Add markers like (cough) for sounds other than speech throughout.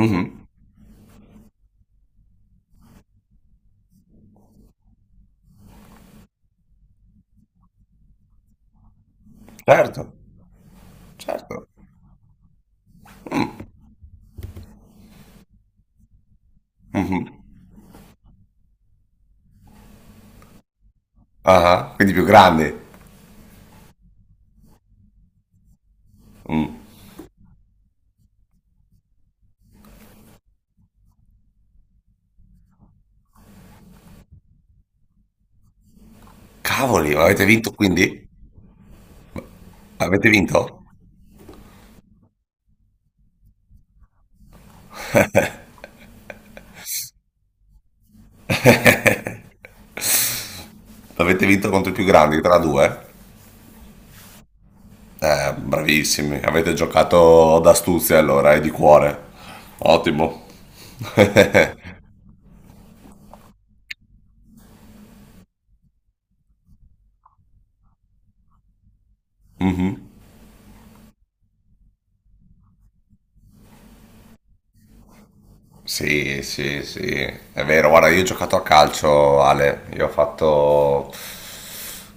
Mh-mh. Certo, certo. Mh. Mh-mh. Ah-ah, quindi più grande. Mh. Cavoli, ma avete vinto quindi? Avete vinto? Avete vinto contro i più grandi tra 2? Bravissimi, avete giocato d'astuzia allora e di cuore. Ottimo. Mh-mh. Sì, sì, sì, è vero. Guarda, io ho giocato a calcio, Ale, io ho fatto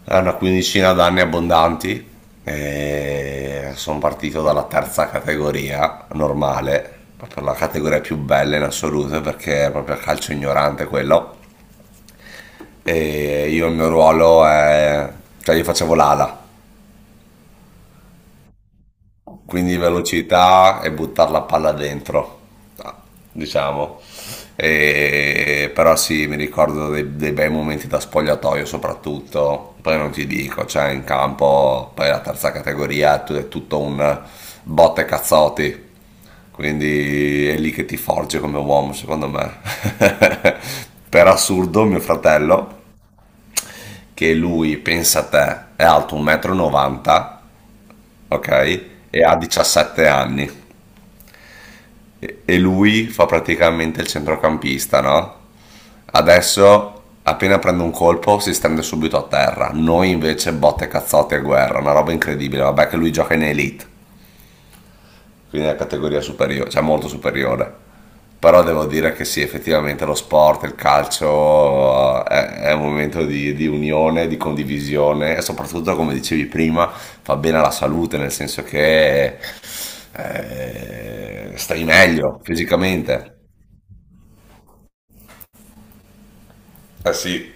ha una quindicina d'anni abbondanti. E sono partito dalla terza categoria normale, proprio la categoria più bella in assoluto perché è proprio calcio ignorante quello. E io il mio ruolo è, cioè, io facevo l'ala, quindi velocità e buttare la palla dentro, diciamo. Però sì, mi ricordo dei bei momenti da spogliatoio soprattutto. Poi non ti dico, cioè in campo, poi la terza categoria è tutto un botte cazzotti, quindi è lì che ti forge come uomo, secondo me. (laughs) Per assurdo mio fratello, che lui, pensa a te, è alto 1,90 m, ok? E ha 17 anni. E lui fa praticamente il centrocampista, no? Adesso, appena prende un colpo, si stende subito a terra. Noi invece botte, cazzotti e guerra, una roba incredibile. Vabbè che lui gioca in elite, quindi è una categoria superiore, cioè molto superiore. Però devo dire che sì, effettivamente lo sport, il calcio è un momento di unione, di condivisione e soprattutto, come dicevi prima, fa bene alla salute, nel senso che stai meglio fisicamente. Ah sì,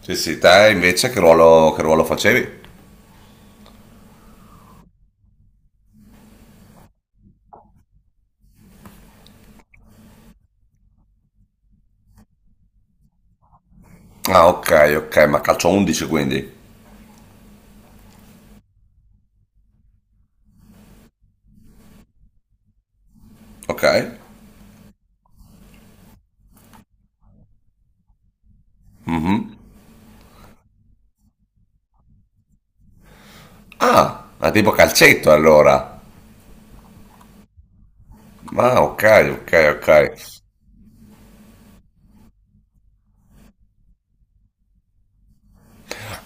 sì, sì, te invece che ruolo facevi? Ah, ok, ok, ma calcio 11 quindi. Ok. Mhm. Ah, ma tipo calcetto allora. Ah, ok, ok, ok.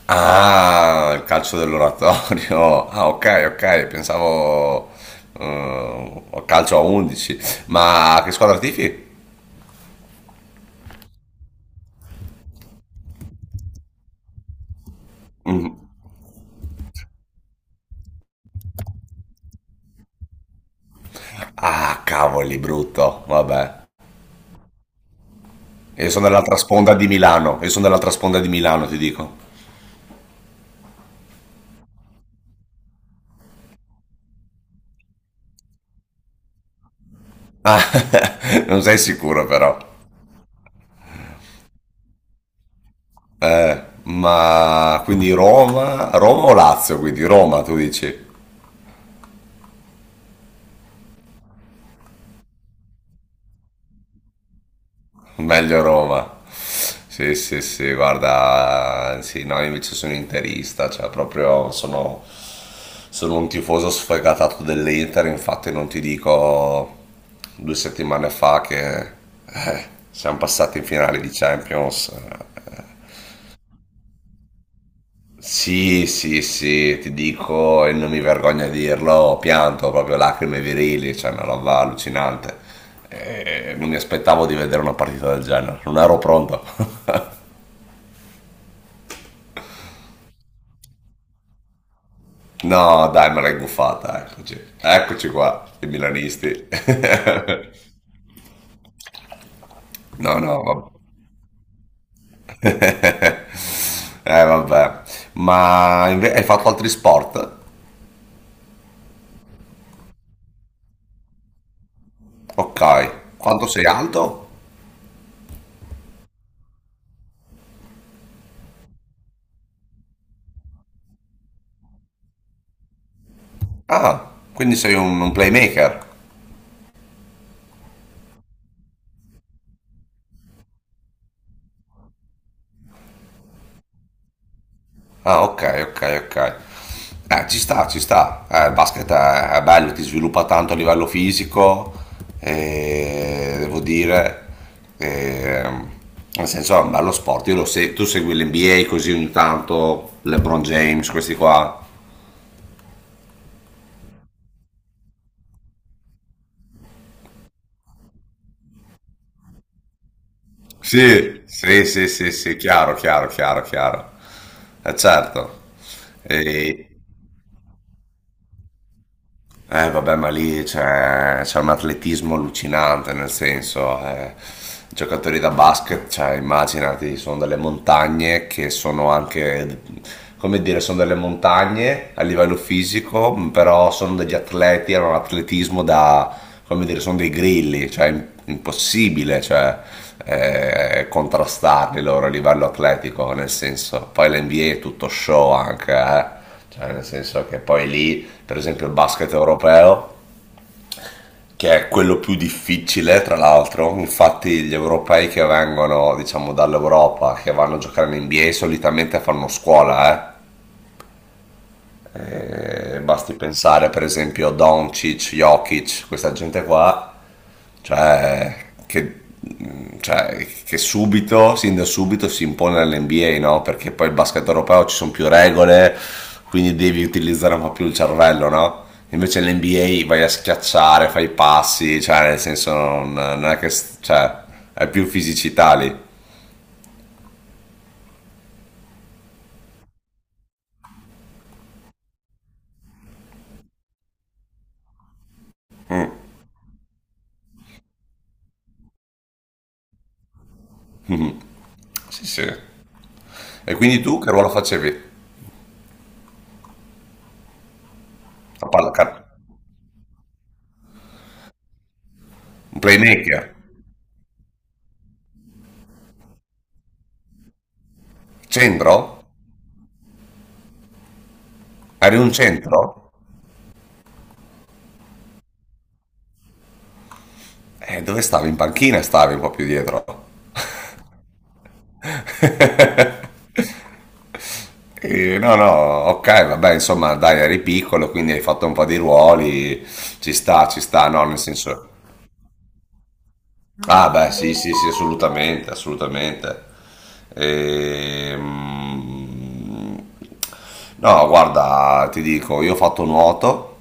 Ah, il calcio dell'oratorio. (laughs) Ah, ok, ok, pensavo calcio a 11. Ma che squadra tifi? Ah, cavoli, brutto. Vabbè. Io sono dall'altra sponda di Milano. Io sono dall'altra sponda di Milano, ti dico. Ah, (laughs) non sei sicuro però. Ma quindi Roma, Roma o Lazio? Quindi Roma, tu dici? Meglio Roma. Sì, sì, sì, guarda, sì, no, io invece sono interista, cioè proprio sono un tifoso sfegatato dell'Inter, infatti non ti dico 2 settimane fa che siamo passati in finale di Champions, eh. Sì, sì, sì, ti dico e non mi vergogno a dirlo, ho pianto proprio lacrime virili, cioè una roba allucinante. Non mi aspettavo di vedere una partita del genere, non ero pronto. (laughs) No, dai, me l'hai buffata, eccoci. Eccoci qua, i milanisti. (laughs) No, no, vabbè. (laughs) Vabbè. Ma hai fatto altri sport? Ok. Quanto sei alto? Ah, quindi sei un playmaker. Ah, ok, ok, ok. Ci sta, ci sta. Il basket è bello, ti sviluppa tanto a livello fisico, e devo dire, ehm, nel senso è un bello sport. Io lo se- Tu segui l'NBA così ogni tanto, LeBron James, questi qua. Sì, sì, sì, sì, sì, chiaro, chiaro, chiaro, chiaro. Certo. Eh vabbè, ma lì c'è un atletismo allucinante, nel senso, giocatori da basket, cioè, immaginati, sono delle montagne che sono anche, come dire, sono delle montagne a livello fisico, però sono degli atleti, hanno un atletismo da, come dire, sono dei grilli, cioè impossibile, cioè, contrastarli loro a livello atletico, nel senso, poi l'NBA è tutto show anche, eh. Cioè, nel senso che poi lì, per esempio, il basket europeo, che è quello più difficile, tra l'altro, infatti gli europei che vengono, diciamo, dall'Europa, che vanno a giocare in NBA, solitamente fanno scuola, eh. Basti pensare per esempio a Doncic, Jokic, questa gente qua. Cioè, che, cioè, che subito, sin da subito si impone all'NBA, no? Perché poi il basket europeo ci sono più regole, quindi devi utilizzare un po' più il cervello, no? Invece l'NBA vai a schiacciare, fai i passi, cioè nel senso non è che. Cioè, è più fisicità lì. Mm, sì, sì. E quindi tu che ruolo facevi? La palla, un playmaker? Centro? Eri un centro? Dove stavi? In panchina stavi un po' più dietro. No, no, ok, vabbè, insomma, dai, eri piccolo, quindi hai fatto un po' di ruoli, ci sta, no, nel senso. Ah, beh, sì, sì, sì, assolutamente, assolutamente. Ehm, No, guarda, ti dico, io ho fatto nuoto,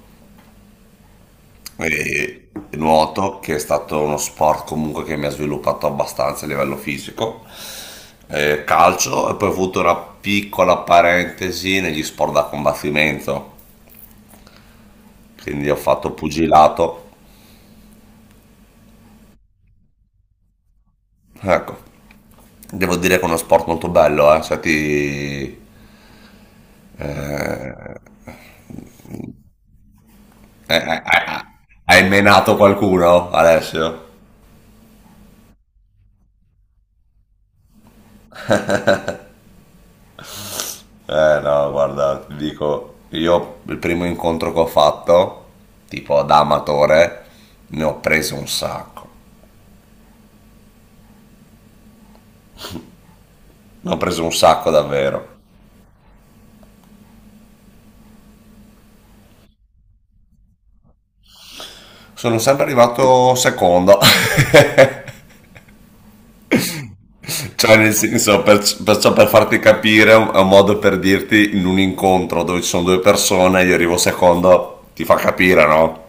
e nuoto che è stato uno sport comunque che mi ha sviluppato abbastanza a livello fisico, calcio e poi ho avuto una piccola parentesi negli sport da combattimento, quindi ho fatto pugilato. Ecco, devo dire che è uno sport molto bello. Eh, se ti... eh, eh, eh, eh, eh, hai menato qualcuno, Alessio? Eh no, guarda, ti dico, io il primo incontro che ho fatto, tipo da amatore, ne ho preso un sacco, ne ho preso un sacco davvero. Sono sempre arrivato secondo. (laughs) Cioè, nel senso, perciò per farti capire, è un modo per dirti, in un incontro dove ci sono due persone, io arrivo secondo, ti fa capire, no?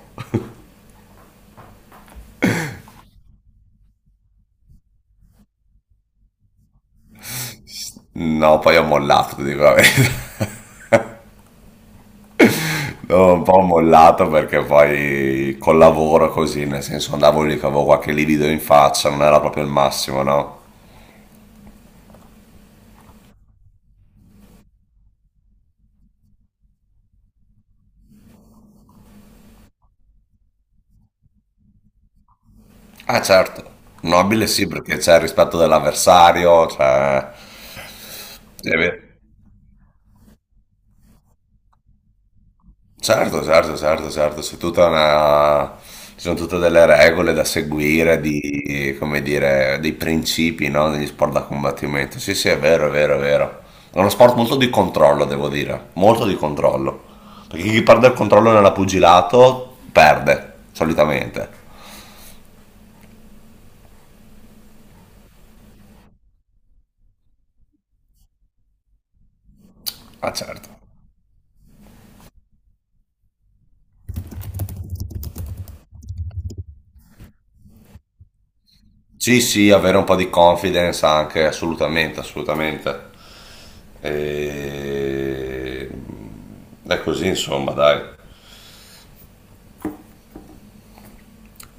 No, poi ho mollato, ti dico la verità. (laughs) No, un po' ho mollato perché poi col lavoro così, nel senso andavo lì che avevo qualche livido in faccia, non era proprio il massimo, no? Ah certo, nobile sì perché c'è il rispetto dell'avversario, cioè, è vero. Certo, certo, certo, certo, c'è tutta una, ci sono tutte delle regole da seguire, di, come dire, dei principi, no? Negli sport da combattimento. Sì, sì, è vero, è vero, è vero. È uno sport molto di controllo, devo dire, molto di controllo. Perché chi perde il controllo nella pugilato perde, solitamente. Ah, certo. Sì, sì, avere un po' di confidence anche, assolutamente, assolutamente. E... È così, insomma, dai.